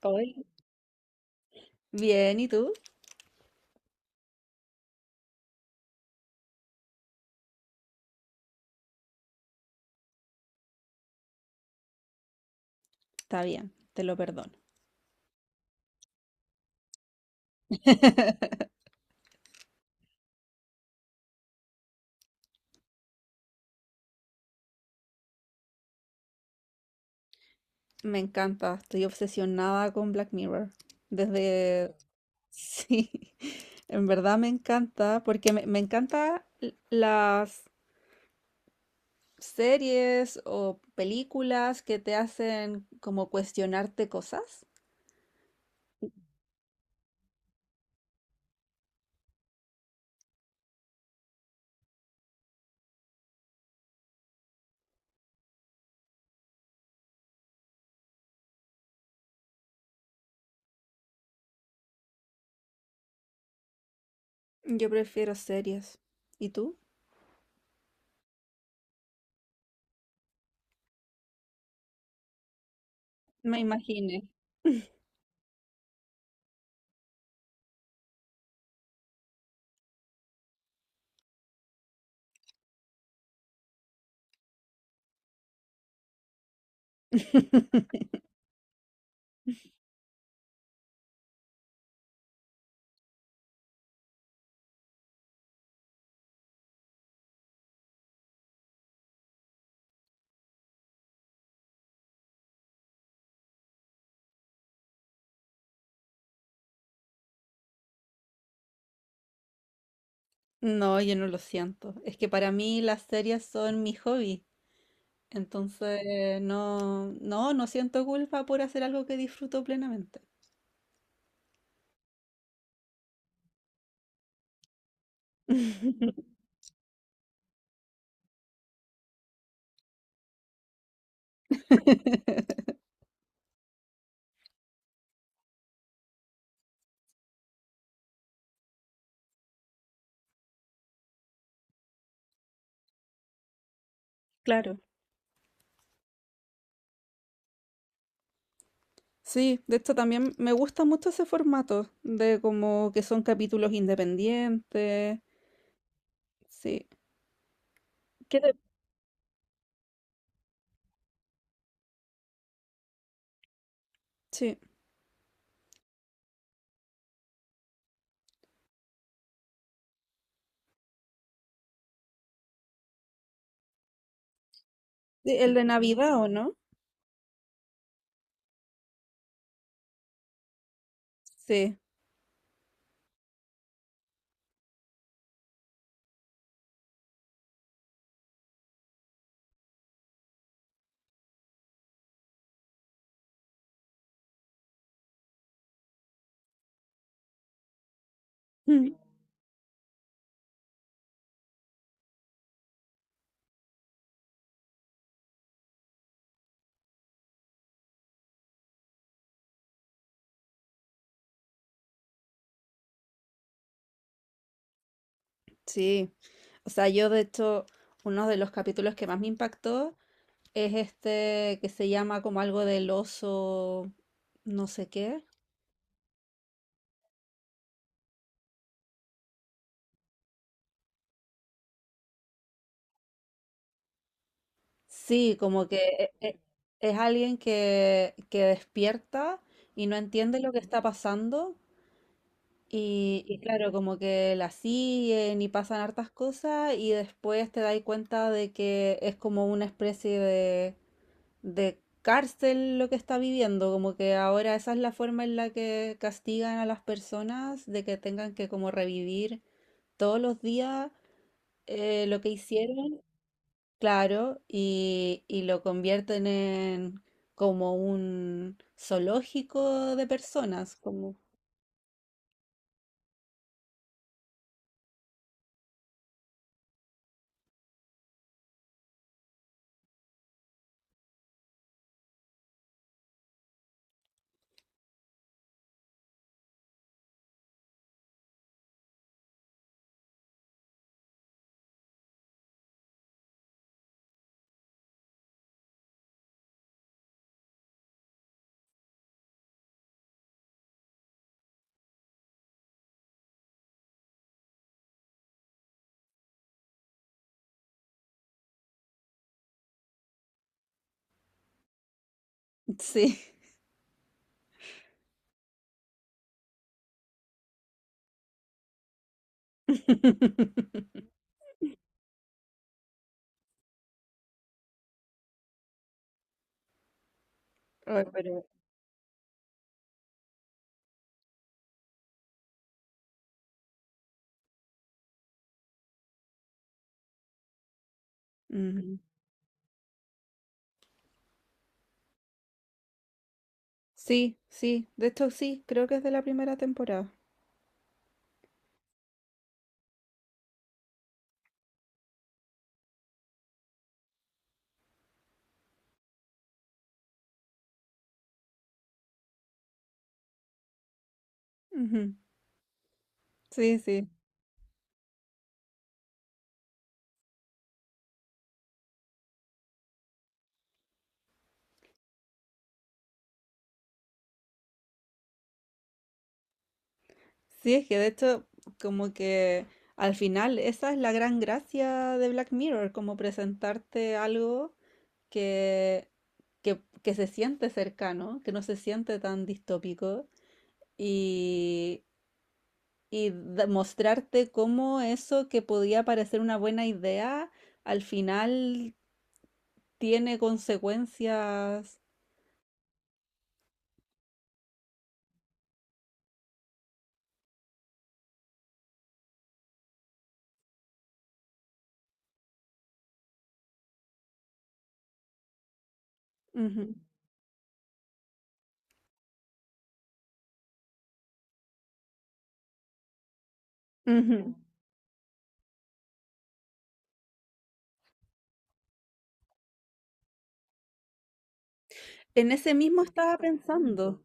Hoy. Bien, ¿y tú? Está bien, te lo perdono. Me encanta, estoy obsesionada con Black Mirror. Desde... Sí, en verdad me encanta, porque me encanta las series o películas que te hacen como cuestionarte cosas. Yo prefiero series. ¿Y tú? Me imaginé. No, yo no lo siento. Es que para mí las series son mi hobby. Entonces, no, no, no siento culpa por hacer algo que disfruto plenamente. Claro. Sí, de hecho también me gusta mucho ese formato de como que son capítulos independientes. Sí. ¿Qué te- Sí. Sí, el de Navidad, ¿o no? Sí. Mm. Sí. O sea, yo de hecho, uno de los capítulos que más me impactó es este que se llama como algo del oso, no sé qué. Sí, como que e- e- es alguien que despierta y no entiende lo que está pasando y claro, como que la siguen y pasan hartas cosas y después te das cuenta de que es como una especie de cárcel lo que está viviendo, como que ahora esa es la forma en la que castigan a las personas de que tengan que como revivir todos los días lo que hicieron. Claro, y lo convierten en como un zoológico de personas, como... Sí. Ay, pero ujú. Sí, sí, de hecho sí, creo que es de la primera temporada. Ujú. Sí, sí. Sí, es que de hecho como que al final esa es la gran gracia de Black Mirror, como presentarte algo que, que se siente cercano, que no se siente tan distópico y, y mostrarte cómo eso que podía parecer una buena idea al final tiene consecuencias. Ujú, ujú. En ese mismo estaba pensando.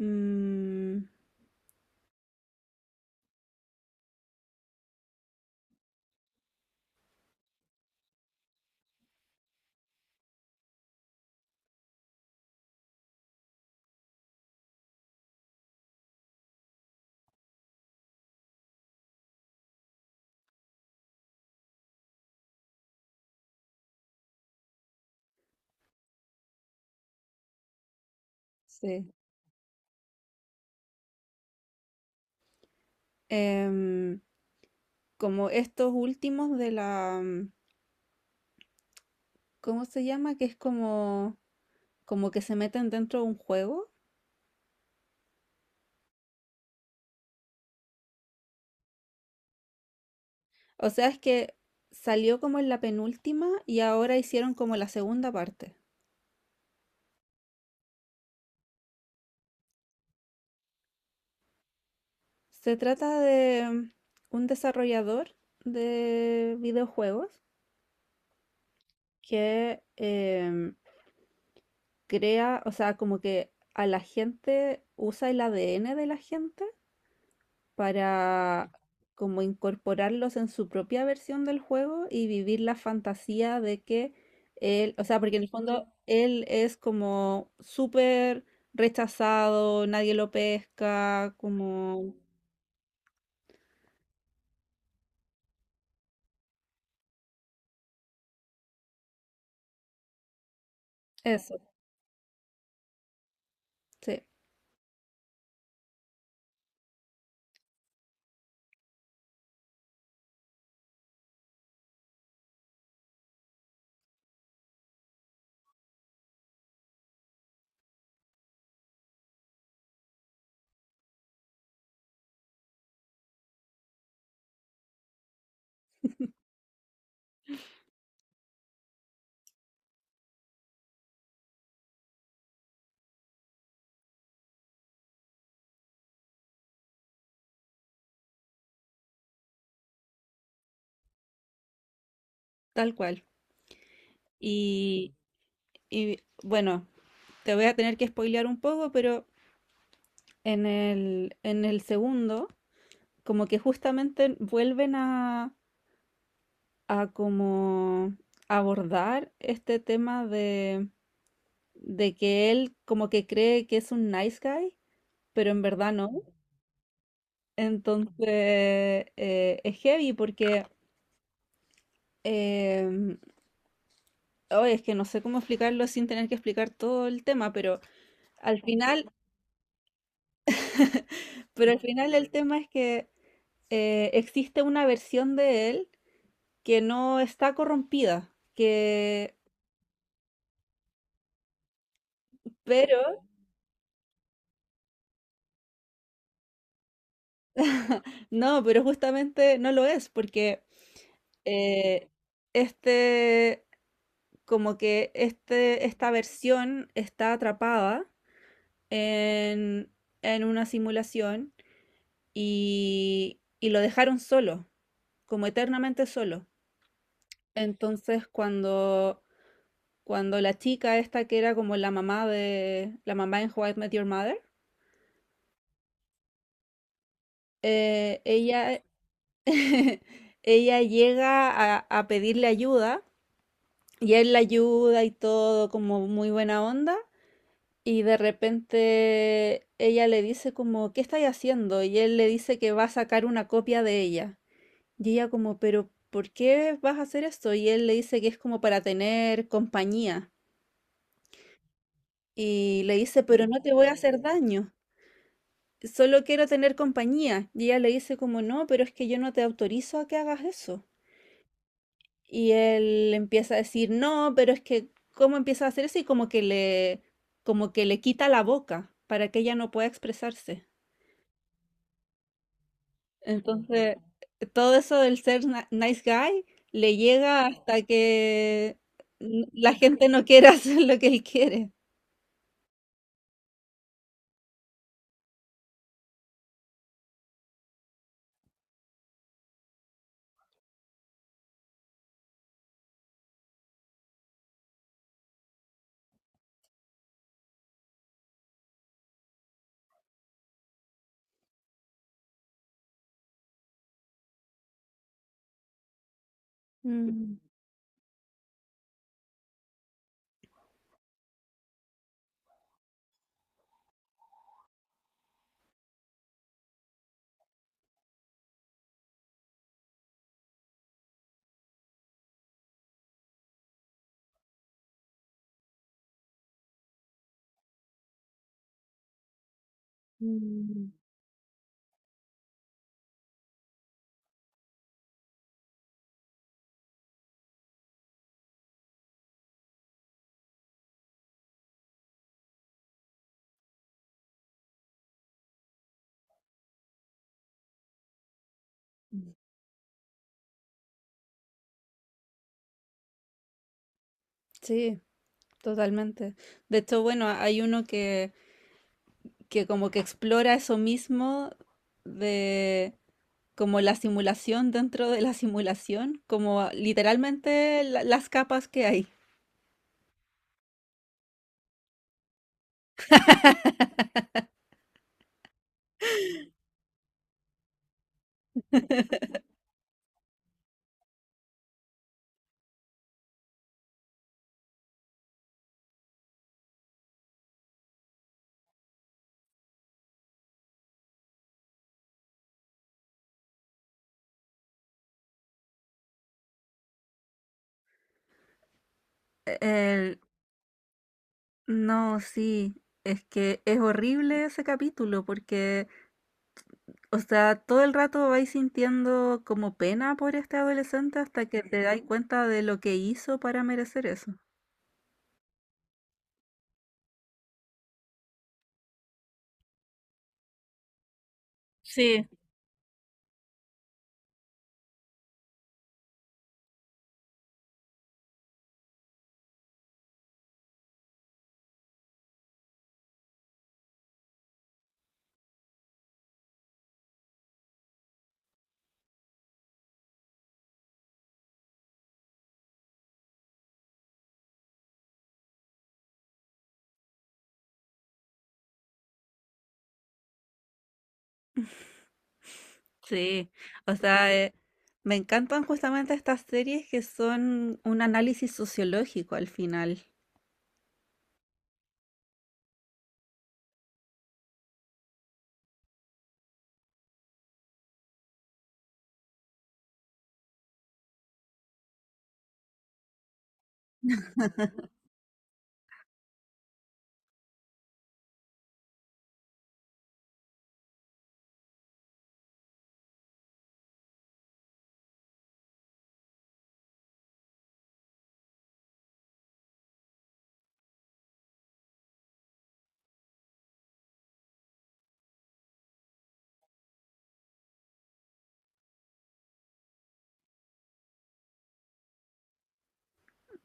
Mm, sí. Em, Como estos últimos de la... ¿Cómo se llama? Que es como, como que se meten dentro de un juego. O sea, es que salió como en la penúltima y ahora hicieron como la segunda parte. Se trata de un desarrollador de videojuegos que crea, o sea, como que a la gente usa el ADN de la gente para como incorporarlos en su propia versión del juego y vivir la fantasía de que él, o sea, porque en el fondo él es como súper rechazado, nadie lo pesca, como eso, sí, tal cual. Y, y bueno, te voy a tener que spoilear un poco, pero en el segundo, como que justamente vuelven a como abordar este tema de que él como que cree que es un nice guy, pero en verdad no. Entonces, es heavy porque, eh, oh, es que no sé cómo explicarlo sin tener que explicar todo el tema, al final, pero al final el tema es que existe una versión de él que no está corrompida, que, pero, no, pero justamente no lo es, porque eh, este, como que esta versión está atrapada en, en una simulación y lo dejaron solo, como eternamente solo. Entonces, cuando, cuando la chica esta que era como la mamá de, la mamá en How I Met Your Mother, ella, ella llega a pedirle ayuda y él la ayuda y todo como muy buena onda y de repente ella le dice como, ¿qué estáis haciendo? Y él le dice que va a sacar una copia de ella. Y ella como, pero ¿por qué vas a hacer esto? Y él le dice que es como para tener compañía. Y le dice, pero no te voy a hacer daño. Solo quiero tener compañía. Y ella le dice como, no, pero es que yo no te autorizo a que hagas eso. Y él empieza a decir, no, pero es que, ¿cómo empieza a hacer eso? Y como que le quita la boca para que ella no pueda expresarse. Entonces, todo eso del ser nice guy le llega hasta que la gente no quiere hacer lo que él quiere. Mm, mm, sí, totalmente. De hecho, bueno, hay uno que como que explora eso mismo como la simulación dentro de la simulación, como literalmente las capas que hay. El- no, sí, es que es horrible ese capítulo porque, o sea, todo el rato vais sintiendo como pena por este adolescente hasta que te dais cuenta de lo que hizo para merecer eso. Sí, sí, o sea, me encantan justamente estas series que son un análisis sociológico al final.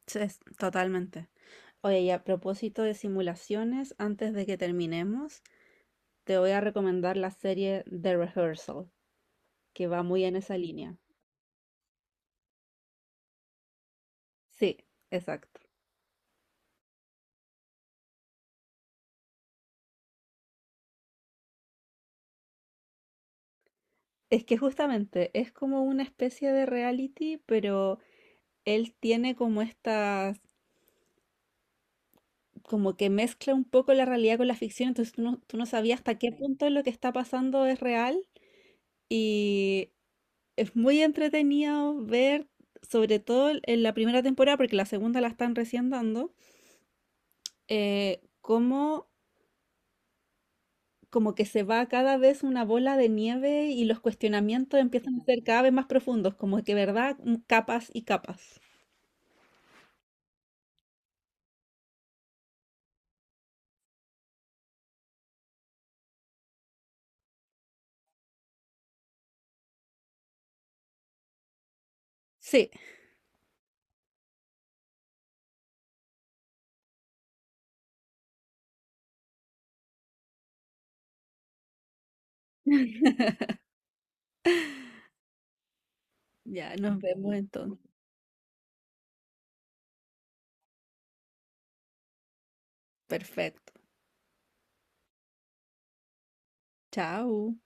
Sí, totalmente. Oye, y a propósito de simulaciones, antes de que terminemos, te voy a recomendar la serie The Rehearsal, que va muy en esa línea. Sí, exacto. Es que justamente es como una especie de reality, pero él tiene como estas, como que mezcla un poco la realidad con la ficción, entonces tú no sabías hasta qué punto lo que está pasando es real y es muy entretenido ver, sobre todo en la primera temporada, porque la segunda la están recién dando. Cómo como que se va cada vez una bola de nieve y los cuestionamientos empiezan a ser cada vez más profundos, como que, ¿verdad? Mm, capas y capas. Sí, ya nos vemos entonces. Perfecto. Chao.